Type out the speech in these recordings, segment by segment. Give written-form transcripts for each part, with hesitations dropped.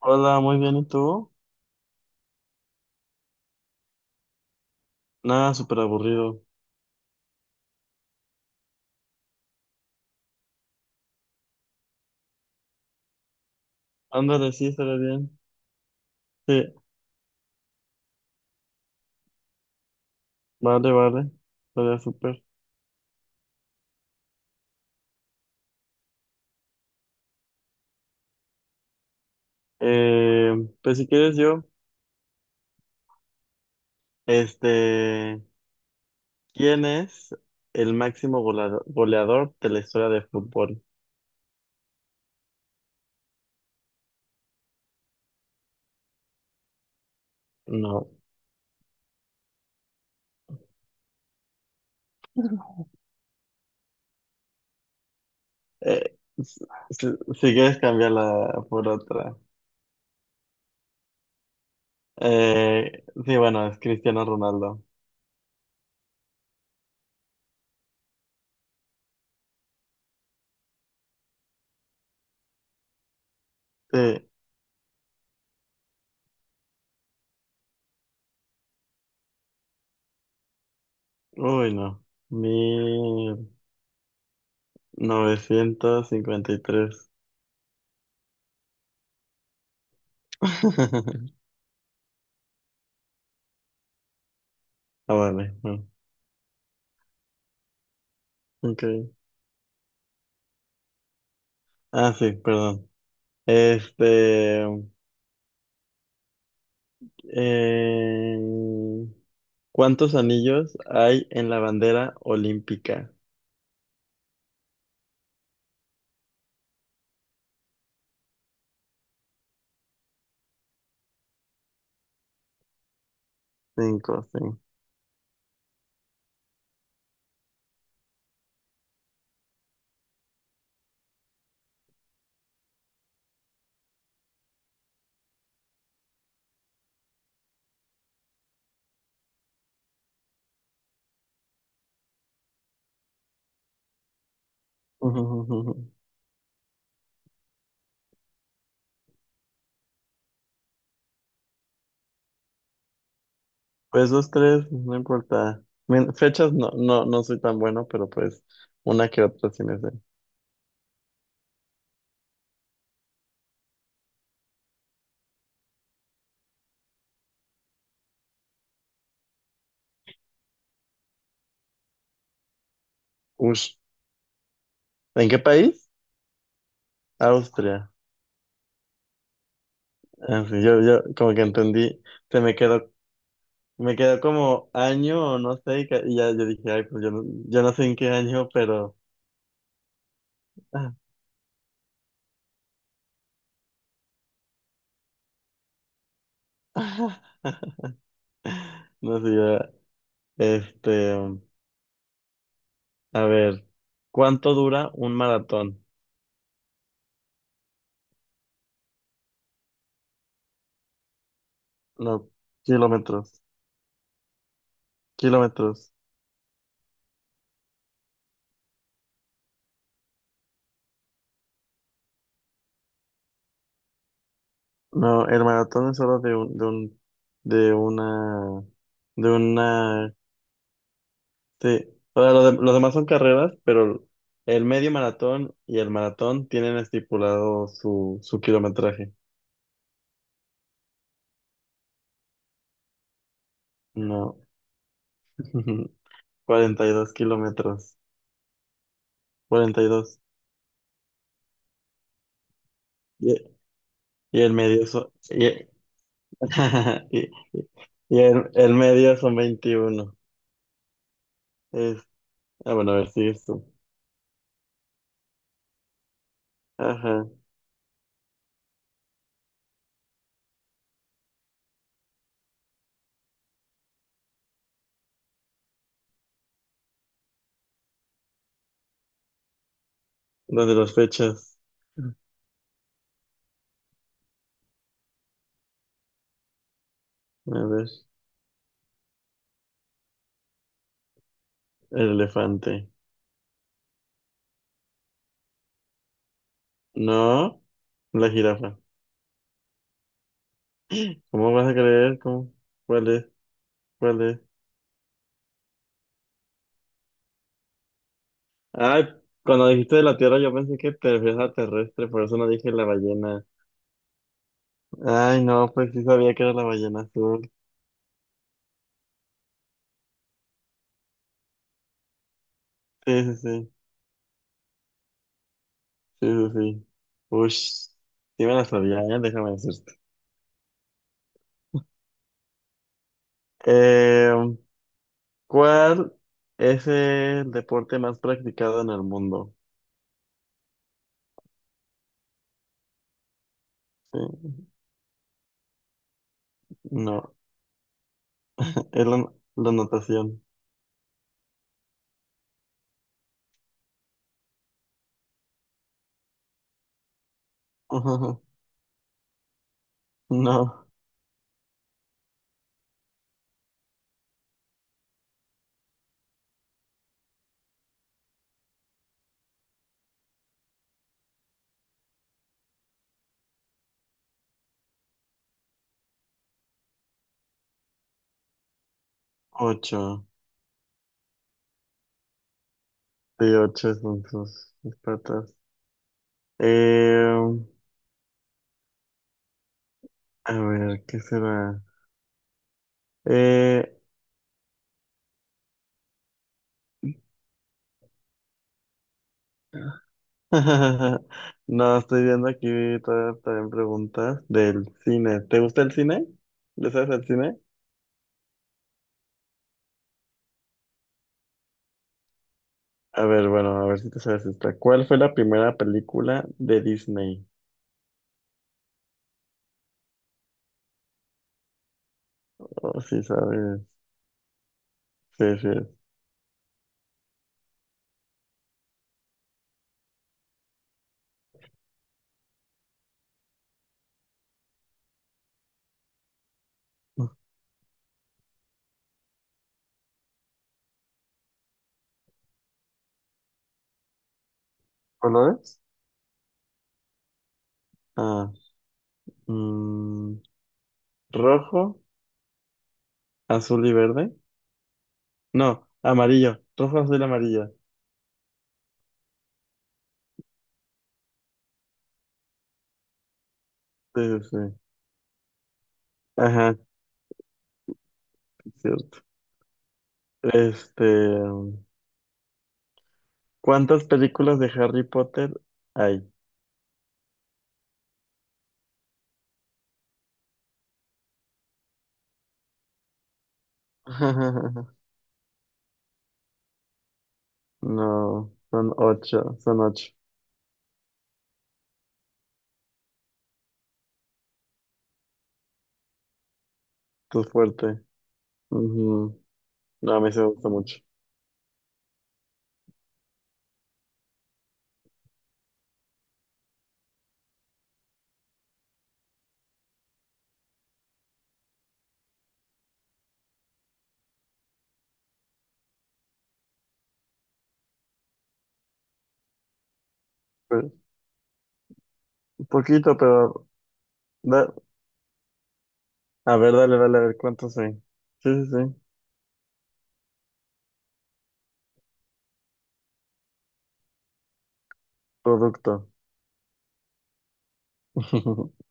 Hola, muy bien, ¿y tú? Nada, súper aburrido. Ándale, sí, estaría bien. Sí, vale, vale. Estaría súper. Eh, pues si quieres yo, este, ¿quién es el máximo goleador de la historia de fútbol? No. eh, s- si quieres, cambiarla por otra. Sí, bueno, es Cristiano Ronaldo. Sí. Uy, no. Mil novecientos cincuenta y tres. Ah, vale. No. Ok. Ah, sí, perdón. Este, em, ¿Cuántos anillos hay en la bandera olímpica? Cinco, sí. Pues dos tres, no importa. Fechas no, no, no soy tan bueno, pero pues una que otra sí me sé. Ush. ¿En qué país? Austria. Ah, sí, yo como que entendí, se me quedó como año o no sé, y ya yo dije, ay, pues yo no, yo no sé en qué año, pero... ah. No sé, ya, este, a ver, ¿cuánto dura un maratón? No, kilómetros, kilómetros. No, el maratón es solo de una, de una, sí. O sea, los demás son carreras, pero el medio maratón y el maratón tienen estipulado su, su kilometraje. No, cuarenta y dos kilómetros, 42. Y dos. Y el medio, y el medio son veintiuno. Es, ah, bueno, a ver, si tú. Ajá. ¿Dónde? Las fechas. A ver, el elefante. No, la jirafa. ¿Cómo vas a creer? ¿Cómo? ¿Cuál es? ¿Cuál es? Ay, cuando dijiste de la Tierra yo pensé que te refieres a terrestre, por eso no dije la ballena. Ay, no, pues sí sabía que era la ballena azul. Sí, sí, sí, sí, sí, sí. Ush, sí me la sabía, ¿eh? Déjame decirte. Eh, ¿Cuál es el deporte más practicado en el mundo? Sí, no, es la natación. No, ocho. Sí, ocho son sus, sus patas. Eh, a ver, ¿qué será? Eh, no, estoy viendo aquí todas también preguntas del cine. ¿Te gusta el cine? ¿Le sabes al cine? A ver, bueno, a ver si te sabes esta. ¿Cuál fue la primera película de Disney? Oh, sí, sabes. Sí, sí. ¿Colores? Ah, mm, rojo, azul y verde. No, amarillo. Rojo, azul y amarillo. Sí, sí, sí. Ajá, es cierto. Este, ¿cuántas películas de Harry Potter hay? No, son ocho, son ocho. Tú fuerte. Ujú. No, a mí se me gusta mucho. Pues, un poquito, pero... da- A ver, dale, dale, a ver cuántos hay. Sí, sí, sí. Producto.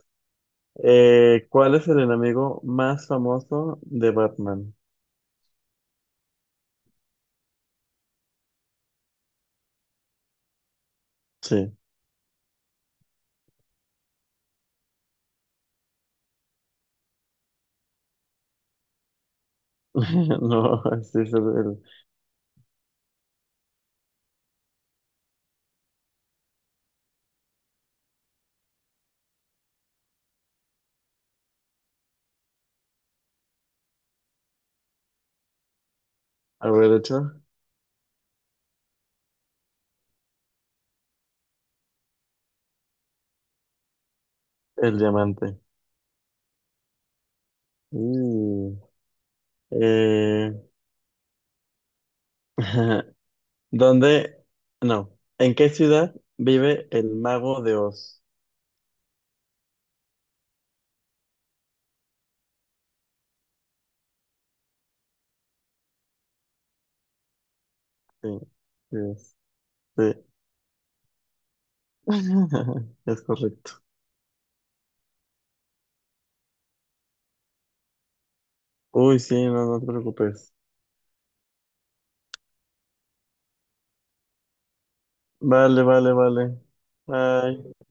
¿Cuál es el enemigo más famoso de Batman? Sí. No, este es el- a ver, de hecho, el diamante. Uh, eh, ¿dónde? No. ¿En qué ciudad vive el mago de Oz? Sí, sí, sí. Es correcto. Uy, sí, no, no te preocupes. Vale, vale, vale. Bye.